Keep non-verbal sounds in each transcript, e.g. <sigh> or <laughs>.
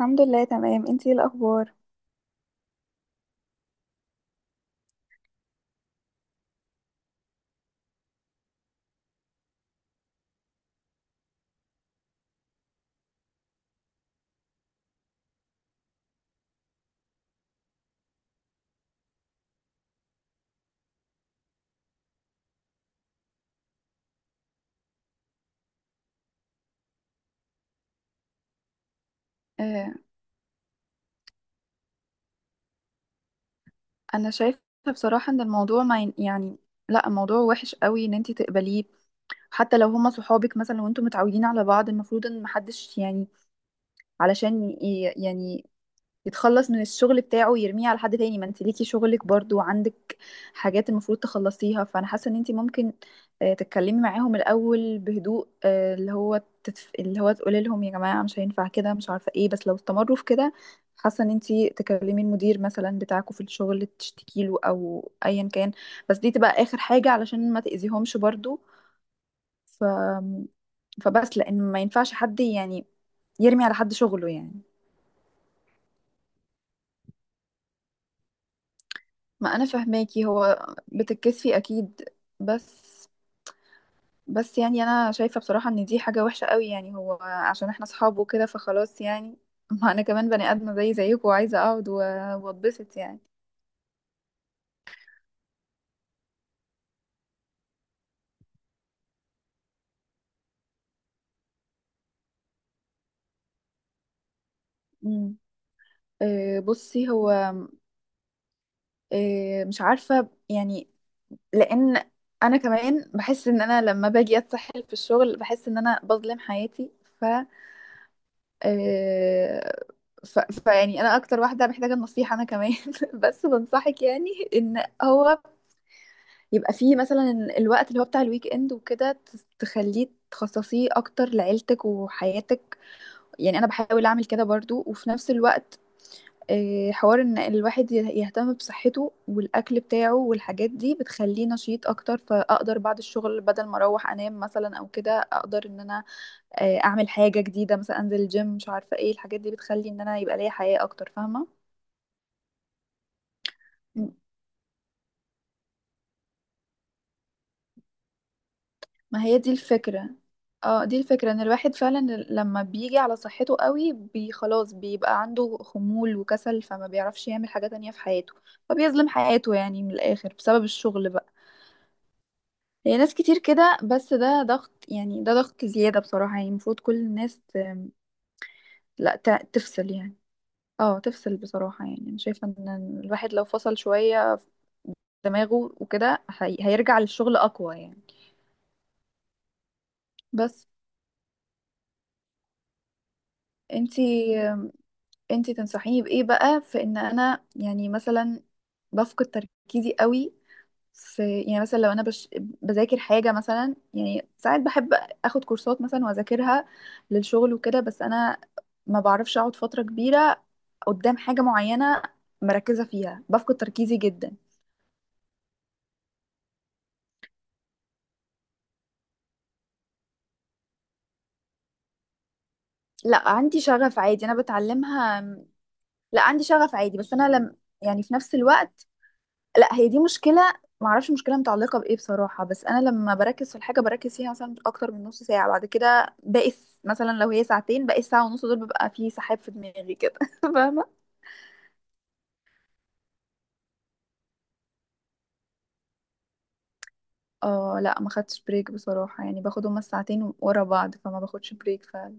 الحمد لله تمام، انتي ايه الاخبار؟ آه، انا شايفه بصراحه ان الموضوع ما ين- يعني، لا الموضوع وحش قوي ان انت تقبليه. حتى لو هما صحابك مثلا وانتم متعودين على بعض، المفروض ان محدش يعني يعني يتخلص من الشغل بتاعه يرميه على حد تاني. ما انت ليكي شغلك برضو، وعندك حاجات المفروض تخلصيها. فانا حاسه ان انت ممكن تتكلمي معاهم الاول بهدوء، اللي هو اللي هو تقولي لهم يا جماعه مش هينفع كده، مش عارفه ايه. بس لو استمروا في كده، حاسه ان انت تكلمي المدير مثلا بتاعكوا في الشغل تشتكي له او ايا كان. بس دي تبقى اخر حاجه علشان ما تاذيهمش برضو. ف... فبس، لان ما ينفعش حد يعني يرمي على حد شغله يعني. ما انا فهماكي، هو بتتكسفي اكيد. بس، بس يعني انا شايفه بصراحه ان دي حاجه وحشه قوي. يعني هو عشان احنا اصحاب وكده فخلاص يعني <laughs> ما انا كمان بني ادمه زي زيكم، وعايزه اقعد واتبسط يعني. امم. بصي هو مش عارفه يعني. لان انا كمان بحس ان انا لما باجي اتسحل في الشغل بحس ان انا بظلم حياتي. آه، فيعني انا اكتر واحده محتاجه النصيحه، انا كمان <laughs> بس بنصحك يعني، ان هو يبقى فيه مثلا الوقت اللي هو بتاع الويك اند وكده تخليه تخصصيه اكتر لعيلتك وحياتك. يعني انا بحاول اعمل كده برضو. وفي نفس الوقت حوار ان الواحد يهتم بصحته والاكل بتاعه والحاجات دي بتخليه نشيط اكتر. فاقدر بعد الشغل بدل ما اروح انام مثلا او كده، اقدر ان انا اعمل حاجه جديده مثلا، انزل الجيم، مش عارفه ايه. الحاجات دي بتخلي ان انا يبقى ليا حياه اكتر، فاهمه. م- ما هي دي الفكره. اه دي الفكره ان الواحد فعلا لما بيجي على صحته قوي بي خلاص بيبقى عنده خمول وكسل، فما بيعرفش يعمل حاجه تانية في حياته. فبيظلم حياته يعني من الاخر، بسبب الشغل بقى. هي ناس كتير كده، بس ده ضغط يعني، ده ضغط زياده بصراحه. يعني المفروض كل الناس لا تفصل يعني. اه تفصل بصراحة. يعني أنا شايفة إن الواحد لو فصل شوية دماغه وكده هيرجع للشغل اقوى يعني. بس انتي انتي تنصحيني بايه بقى في ان انا يعني مثلا بفقد تركيزي قوي في؟ يعني مثلا لو انا بذاكر حاجه مثلا، يعني ساعات بحب اخد كورسات مثلا واذاكرها للشغل وكده، بس انا ما بعرفش اقعد فتره كبيره قدام حاجه معينه مركزه فيها، بفقد تركيزي جدا. لا عندي شغف عادي، انا بتعلمها. لا عندي شغف عادي، بس انا لم يعني في نفس الوقت، لا هي دي مشكله. ما اعرفش مشكله متعلقه بايه بصراحه، بس انا لما بركز في الحاجه بركز فيها مثلا اكتر من نص ساعه، بعد كده باقي مثلا لو هي ساعتين، باقي الساعه ونص دول ببقى فيه سحاب في دماغي كده <laughs> فاهمه. اه لا ما خدتش بريك بصراحه، يعني باخد هما الساعتين ورا بعض، فما باخدش بريك فعلا.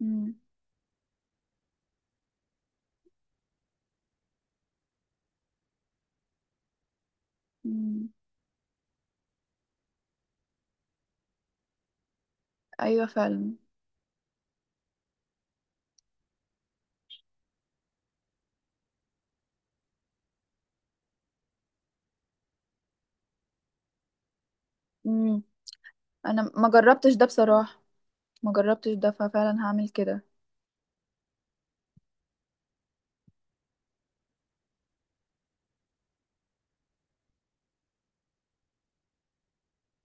امم. امم. ايوه فعلا. امم. انا ما جربتش ده بصراحه. ما جربتش ده ففعلا هعمل كده،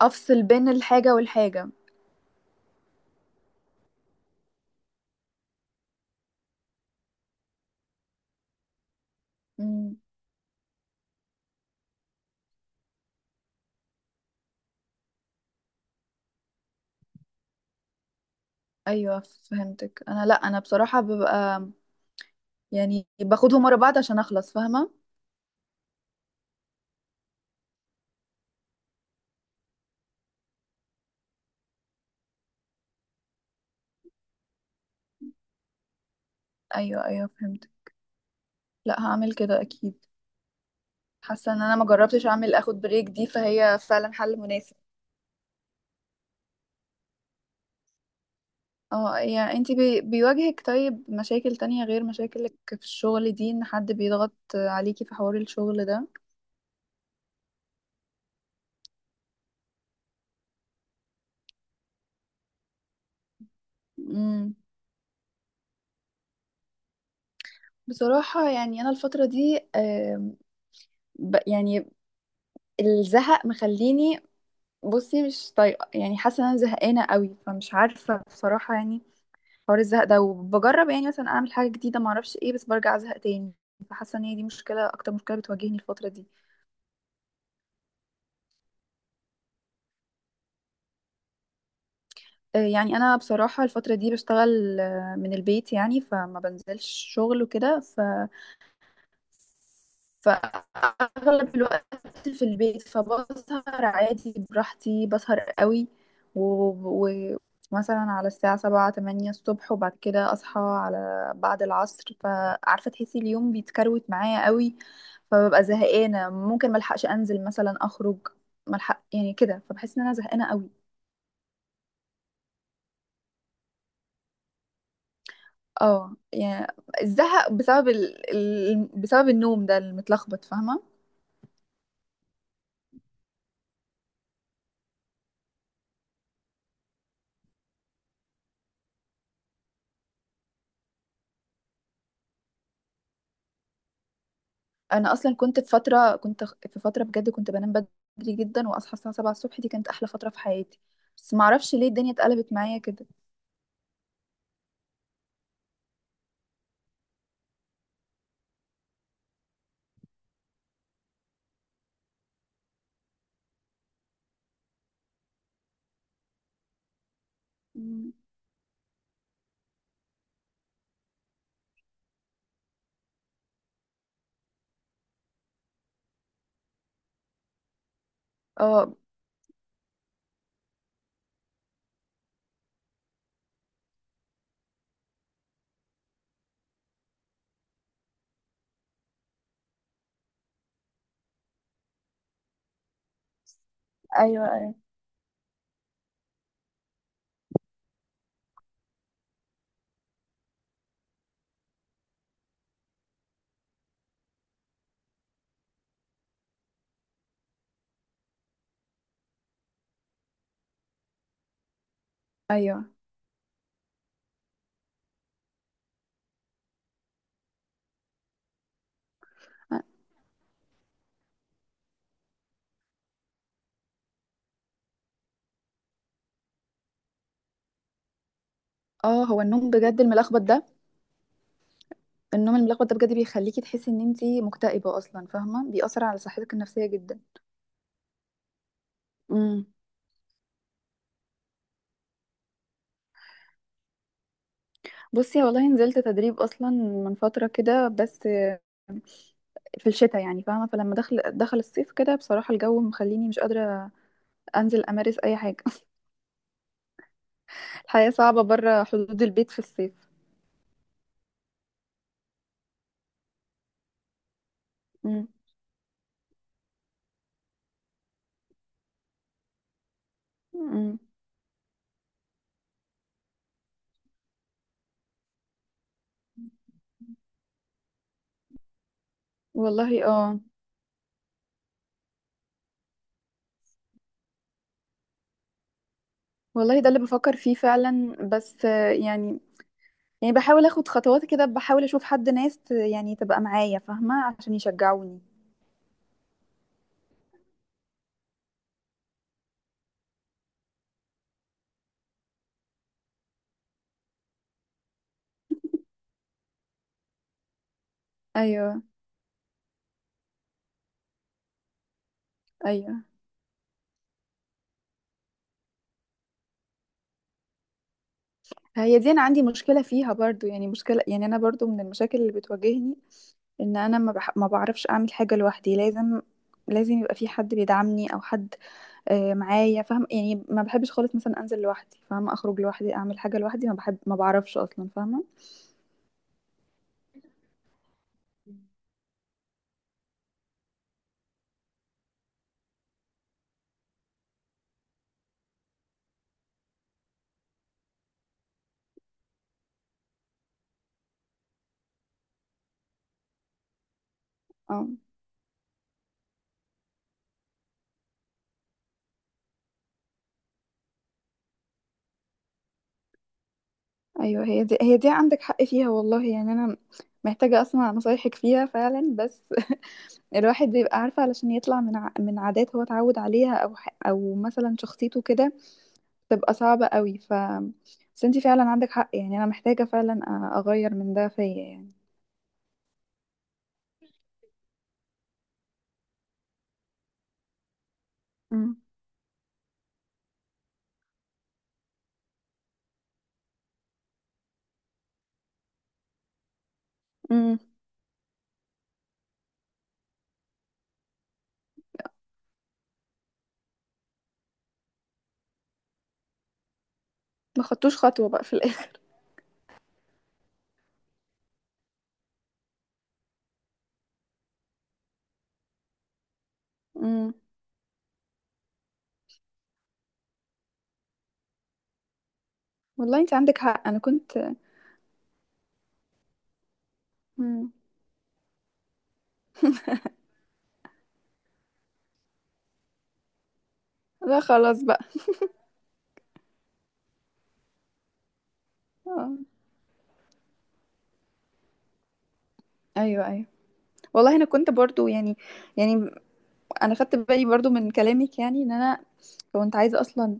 افصل بين الحاجه والحاجه. امم. ايوه فهمتك. انا لا انا بصراحه ببقى يعني باخدهم ورا بعض عشان اخلص، فاهمه. ايوه ايوه فهمت. لا هعمل كده اكيد. حاسه ان انا ما جربتش اعمل اخد بريك دي، فهي فعلا حل مناسب. اه، يعني انتي بيواجهك طيب مشاكل تانية غير مشاكلك في الشغل دي، ان حد بيضغط عليكي في حوار الشغل ده؟ امم. بصراحة يعني أنا الفترة دي يعني الزهق مخليني، بصي مش طايقة. يعني حاسة إن أنا زهقانة قوي، فمش عارفة بصراحة يعني. حوار الزهق ده، وبجرب يعني مثلا اعمل حاجه جديده ما اعرفش ايه، بس برجع ازهق تاني. فحاسه ان هي دي مشكله، اكتر مشكله بتواجهني الفتره دي. يعني انا بصراحه الفتره دي بشتغل من البيت، يعني فما بنزلش شغل وكده. فأغلب الوقت في البيت، فبسهر عادي براحتي، بسهر قوي. و- ومثلا على الساعة سبعة تمانية الصبح، وبعد كده أصحى على بعد العصر. فعارفة تحسي اليوم بيتكروت معايا قوي، فببقى زهقانة. ممكن ملحقش أنزل مثلا أخرج، ملحق يعني كده. فبحس إن أنا زهقانة قوي. اه يعني الزهق بسبب بسبب النوم ده المتلخبط، فاهمة. انا اصلا كنت في فتره بجد كنت بنام بدري جدا واصحى الساعه 7 الصبح، دي كانت احلى فتره في حياتي. بس ما اعرفش ليه الدنيا اتقلبت معايا كده. مم. اه. ايوه ايوه ايوه. اه هو النوم بجد الملخبط ده، النوم الملخبط ده بجد بيخليكي تحسي ان انتي مكتئبه اصلا، فاهمه. بيأثر على صحتك النفسيه جدا. امم. بصي والله نزلت تدريب اصلا من فتره كده، بس في الشتاء يعني فاهمه. فلما دخل الصيف كده بصراحه الجو مخليني مش قادره انزل امارس اي حاجه. الحياة صعبة بره حدود البيت في الصيف. مم. مم. والله اه. والله ده اللي بفكر فيه فعلا، بس يعني يعني بحاول اخد خطوات كده، بحاول اشوف حد، ناس يعني تبقى معايا فاهمة عشان يشجعوني. ايوه ايوه. هي دي انا عندي مشكلة فيها برضو، يعني مشكلة يعني انا برضو من المشاكل اللي بتواجهني. ان انا ما بعرفش اعمل حاجة لوحدي. لازم يبقى في حد بيدعمني او حد معايا، فاهم يعني. ما بحبش خالص مثلا انزل لوحدي فاهمه، اخرج لوحدي، اعمل حاجه لوحدي، ما بحب، ما بعرفش اصلا، فاهمه. اه ايوه. هي دي عندك حق فيها والله. يعني انا محتاجه اسمع نصايحك فيها فعلا بس <laughs> الواحد بيبقى عارفه، علشان يطلع من عادات هو اتعود عليها او مثلا شخصيته كده، تبقى صعبه قوي ف، بس انتي فعلا عندك حق. يعني انا محتاجه فعلا اغير من ده فيا يعني. امم. امم. ما خدتوش خطوه بقى في الاخر؟ امم. والله انت عندك حق، انا كنت. مم. لا خلاص بقى. آه. ايوه ايوه. والله انا كنت برضو يعني، يعني انا خدت بالي برضو من كلامك يعني، ان انا كنت عايزه اصلا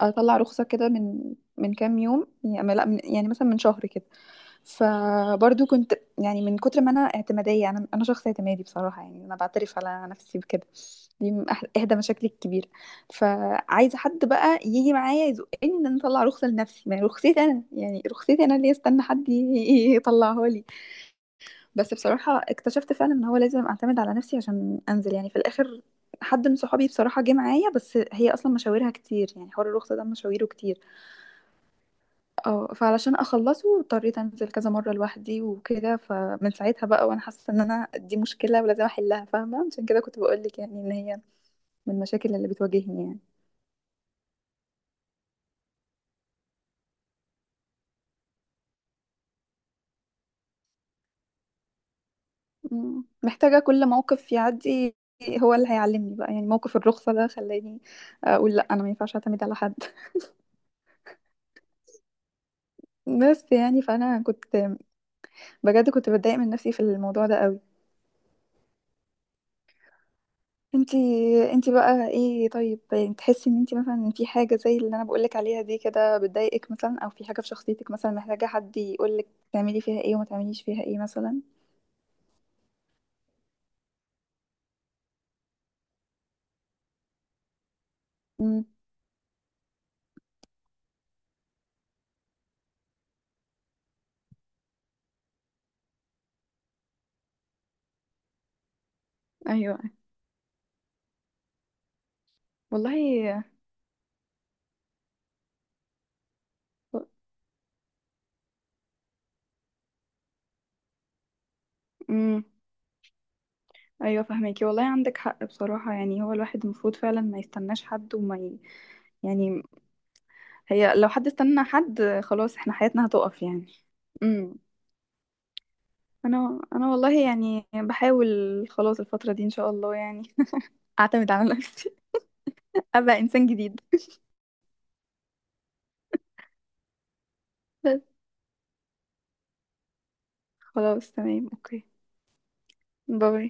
اطلع رخصه كده من كام يوم، يعني لا من يعني مثلا من شهر كده. فبرضو كنت يعني من كتر ما انا اعتماديه، انا شخص اعتمادي بصراحه. يعني انا بعترف على نفسي بكده. دي من احدى مشاكلي الكبيره. فعايزه حد بقى يجي معايا يزقني ان انا اطلع رخصه لنفسي، ما هي رخصتي انا يعني، رخصتي انا اللي استنى حد يطلعها لي. بس بصراحة اكتشفت فعلا ان هو لازم اعتمد على نفسي عشان انزل يعني في الاخر. حد من صحابي بصراحة جه معايا، بس هي اصلا مشاويرها كتير، يعني حوار الرخصة ده مشاويره كتير. اه، فعلشان اخلصه اضطريت انزل كذا مرة لوحدي وكده. فمن ساعتها بقى وانا حاسة ان انا دي مشكلة ولازم احلها، فاهمة. عشان كده كنت بقولك يعني ان هي من المشاكل اللي بتواجهني يعني. مم. محتاجة كل موقف يعدي هو اللي هيعلمني بقى. يعني موقف الرخصة ده خلاني اقول لا، انا ما ينفعش اعتمد على حد. <laughs> بس يعني فانا كنت بجد كنت بتضايق من نفسي في الموضوع ده قوي. انتي انتي بقى ايه طيب؟ يعني تحسي ان انتي مثلا في حاجة زي اللي انا بقولك عليها دي كده بتضايقك مثلا، او في حاجة في شخصيتك مثلا محتاجة حد يقولك تعملي فيها ايه وما تعمليش فيها ايه مثلا؟ امم. ايوه والله. امم. ايوه فهميكي، والله عندك حق بصراحة. يعني هو الواحد المفروض فعلا ما يستناش حد يعني، هي لو حد استنى حد خلاص احنا حياتنا هتقف يعني. امم. انا والله يعني بحاول، خلاص الفترة دي ان شاء الله يعني <laughs> اعتمد على نفسي، ابقى انسان جديد. بس خلاص تمام، اوكي، باي.